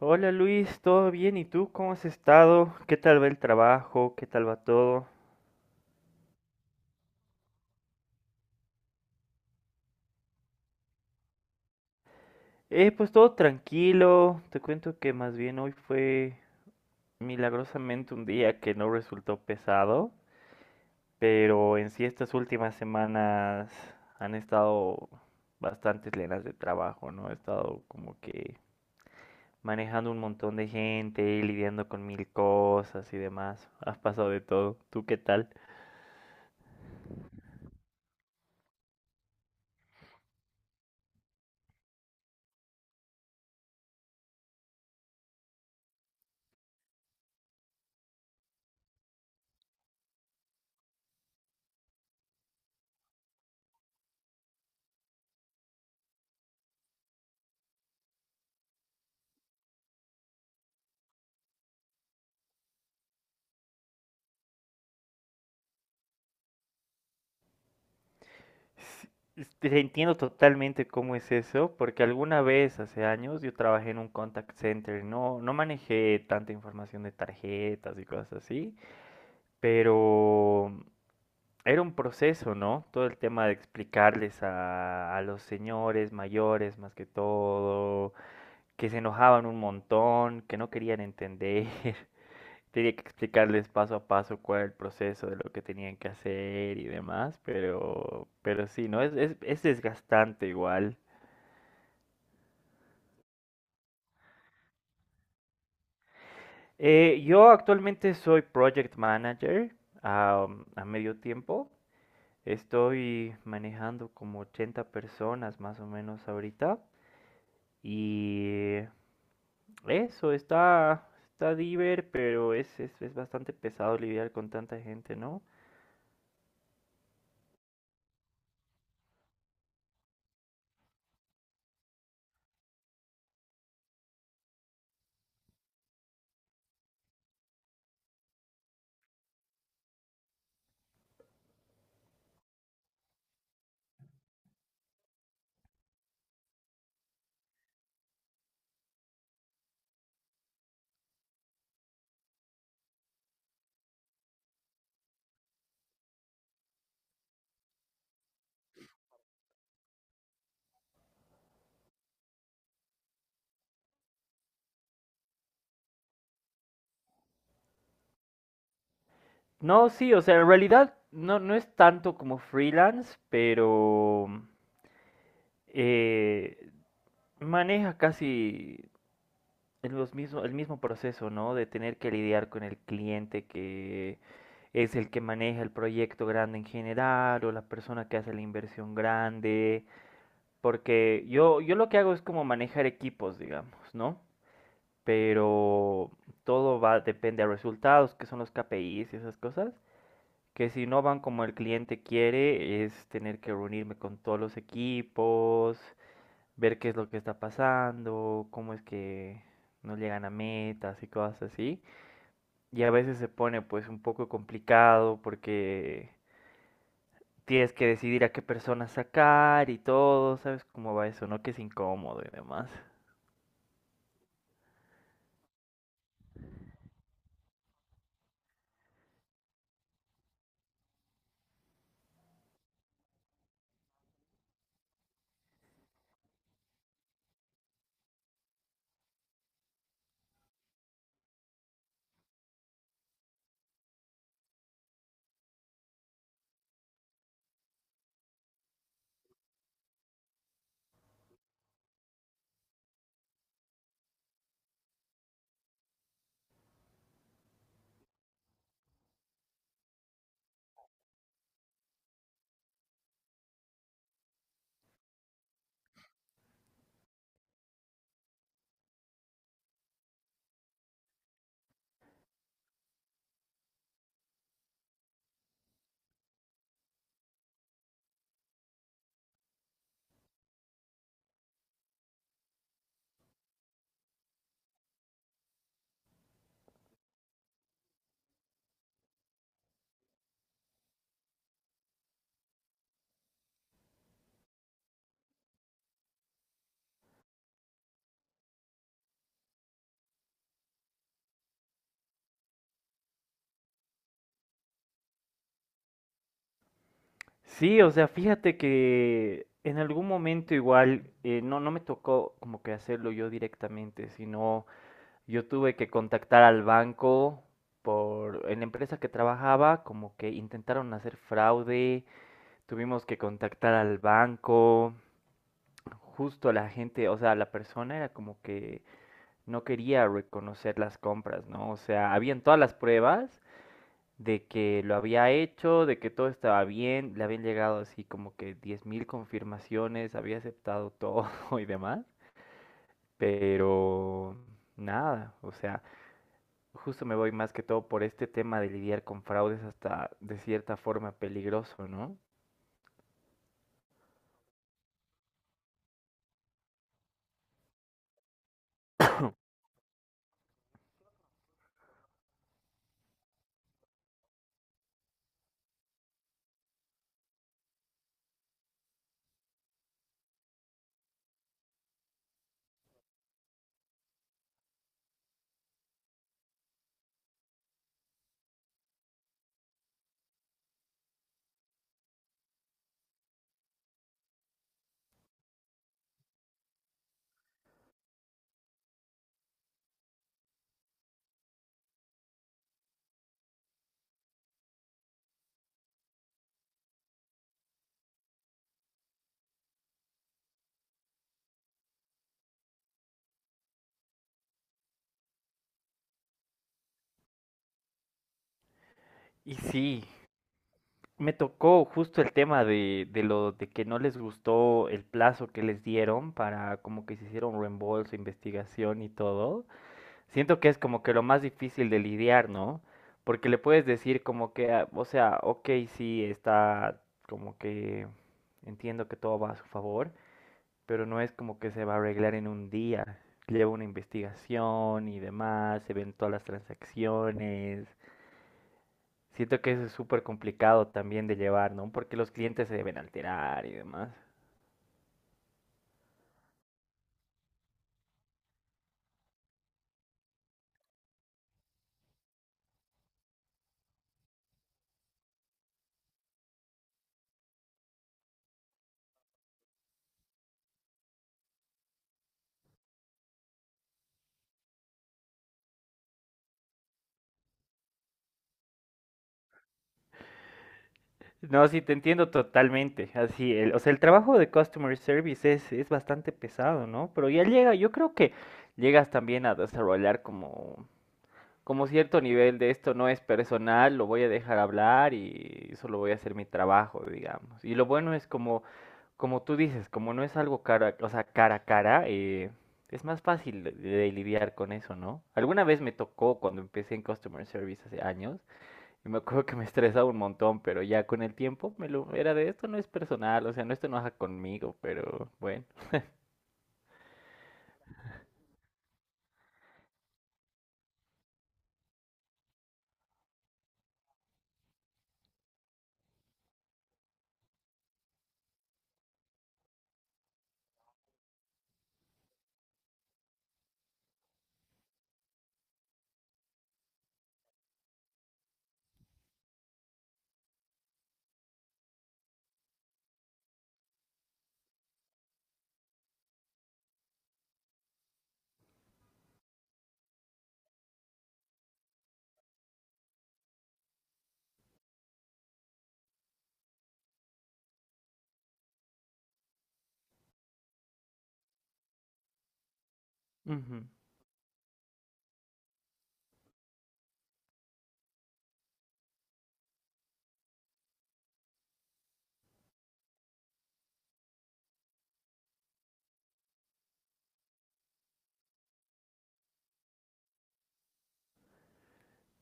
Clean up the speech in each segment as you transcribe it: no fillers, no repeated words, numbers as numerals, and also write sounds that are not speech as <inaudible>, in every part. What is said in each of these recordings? Hola Luis, ¿todo bien? ¿Y tú cómo has estado? ¿Qué tal va el trabajo? ¿Qué tal va todo? Pues todo tranquilo. Te cuento que más bien hoy fue milagrosamente un día que no resultó pesado, pero en sí estas últimas semanas han estado bastante llenas de trabajo, ¿no? He estado como que manejando un montón de gente, lidiando con mil cosas y demás. Has pasado de todo. ¿Tú qué tal? Sí, entiendo totalmente cómo es eso, porque alguna vez hace años yo trabajé en un contact center, no, no manejé tanta información de tarjetas y cosas así, pero era un proceso, ¿no? Todo el tema de explicarles a los señores mayores más que todo, que se enojaban un montón, que no querían entender. <laughs> Tenía que explicarles paso a paso cuál era el proceso de lo que tenían que hacer y demás, pero sí, ¿no? Es desgastante igual. Yo actualmente soy Project Manager a, a medio tiempo. Estoy manejando como 80 personas más o menos ahorita. Y eso está, está diver, pero es bastante pesado lidiar con tanta gente, ¿no? No, sí, o sea, en realidad no, no es tanto como freelance, pero eh, maneja casi el, los mismo, el mismo proceso, ¿no? De tener que lidiar con el cliente que es el que maneja el proyecto grande en general o la persona que hace la inversión grande, porque yo lo que hago es como manejar equipos, digamos, ¿no? Pero todo va, depende a resultados, que son los KPIs y esas cosas, que si no van como el cliente quiere, es tener que reunirme con todos los equipos, ver qué es lo que está pasando, cómo es que no llegan a metas y cosas así. Y a veces se pone pues un poco complicado porque tienes que decidir a qué personas sacar y todo, ¿sabes cómo va eso, no? Que es incómodo y demás. Sí, o sea, fíjate que en algún momento igual no, no me tocó como que hacerlo yo directamente, sino yo tuve que contactar al banco por en la empresa que trabajaba, como que intentaron hacer fraude, tuvimos que contactar al banco, justo la gente, o sea, la persona era como que no quería reconocer las compras, ¿no? O sea, habían todas las pruebas de que lo había hecho, de que todo estaba bien, le habían llegado así como que 10.000 confirmaciones, había aceptado todo <laughs> y demás, pero nada, o sea, justo me voy más que todo por este tema de lidiar con fraudes hasta de cierta forma peligroso, ¿no? Y sí, me tocó justo el tema de lo de que no les gustó el plazo que les dieron para como que se hiciera un reembolso, investigación y todo. Siento que es como que lo más difícil de lidiar, ¿no? Porque le puedes decir como que, ah, o sea, ok, sí, está como que entiendo que todo va a su favor, pero no es como que se va a arreglar en un día. Lleva una investigación y demás, se ven todas las transacciones. Siento que eso es súper complicado también de llevar, ¿no? Porque los clientes se deben alterar y demás. No, sí, te entiendo totalmente. Así, el, o sea, el trabajo de customer service es bastante pesado, ¿no? Pero ya llega, yo creo que llegas también a desarrollar como cierto nivel de esto no es personal, lo voy a dejar hablar y solo voy a hacer mi trabajo, digamos. Y lo bueno es como, como tú dices, como no es algo cara, o sea, cara a cara, es más fácil de lidiar con eso, ¿no? Alguna vez me tocó cuando empecé en Customer Service hace años y me acuerdo que me <laughs> estresaba un montón, pero ya con el tiempo me lo era de esto no es personal, o sea, no esto no es conmigo, pero bueno. Ujú.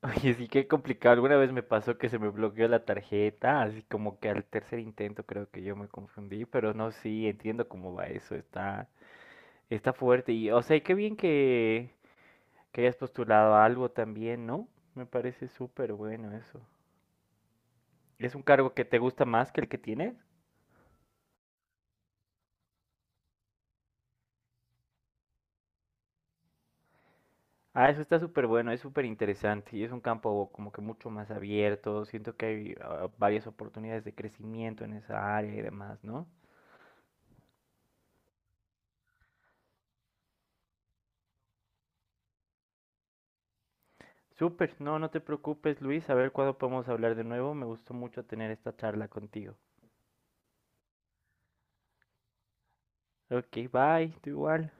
Oye, sí, qué complicado. Alguna vez me pasó que se me bloqueó la tarjeta, así como que al tercer intento creo que yo me confundí, pero no, sí, entiendo cómo va eso, está, está fuerte. Y, o sea, y qué bien que hayas postulado a algo también, ¿no? Me parece súper bueno eso. ¿Es un cargo que te gusta más que el que tienes? Ah, eso está súper bueno, es súper interesante y es un campo como que mucho más abierto. Siento que hay varias oportunidades de crecimiento en esa área y demás, ¿no? Súper, no, no te preocupes, Luis. A ver cuándo podemos hablar de nuevo. Me gustó mucho tener esta charla contigo. Ok, bye, tú igual.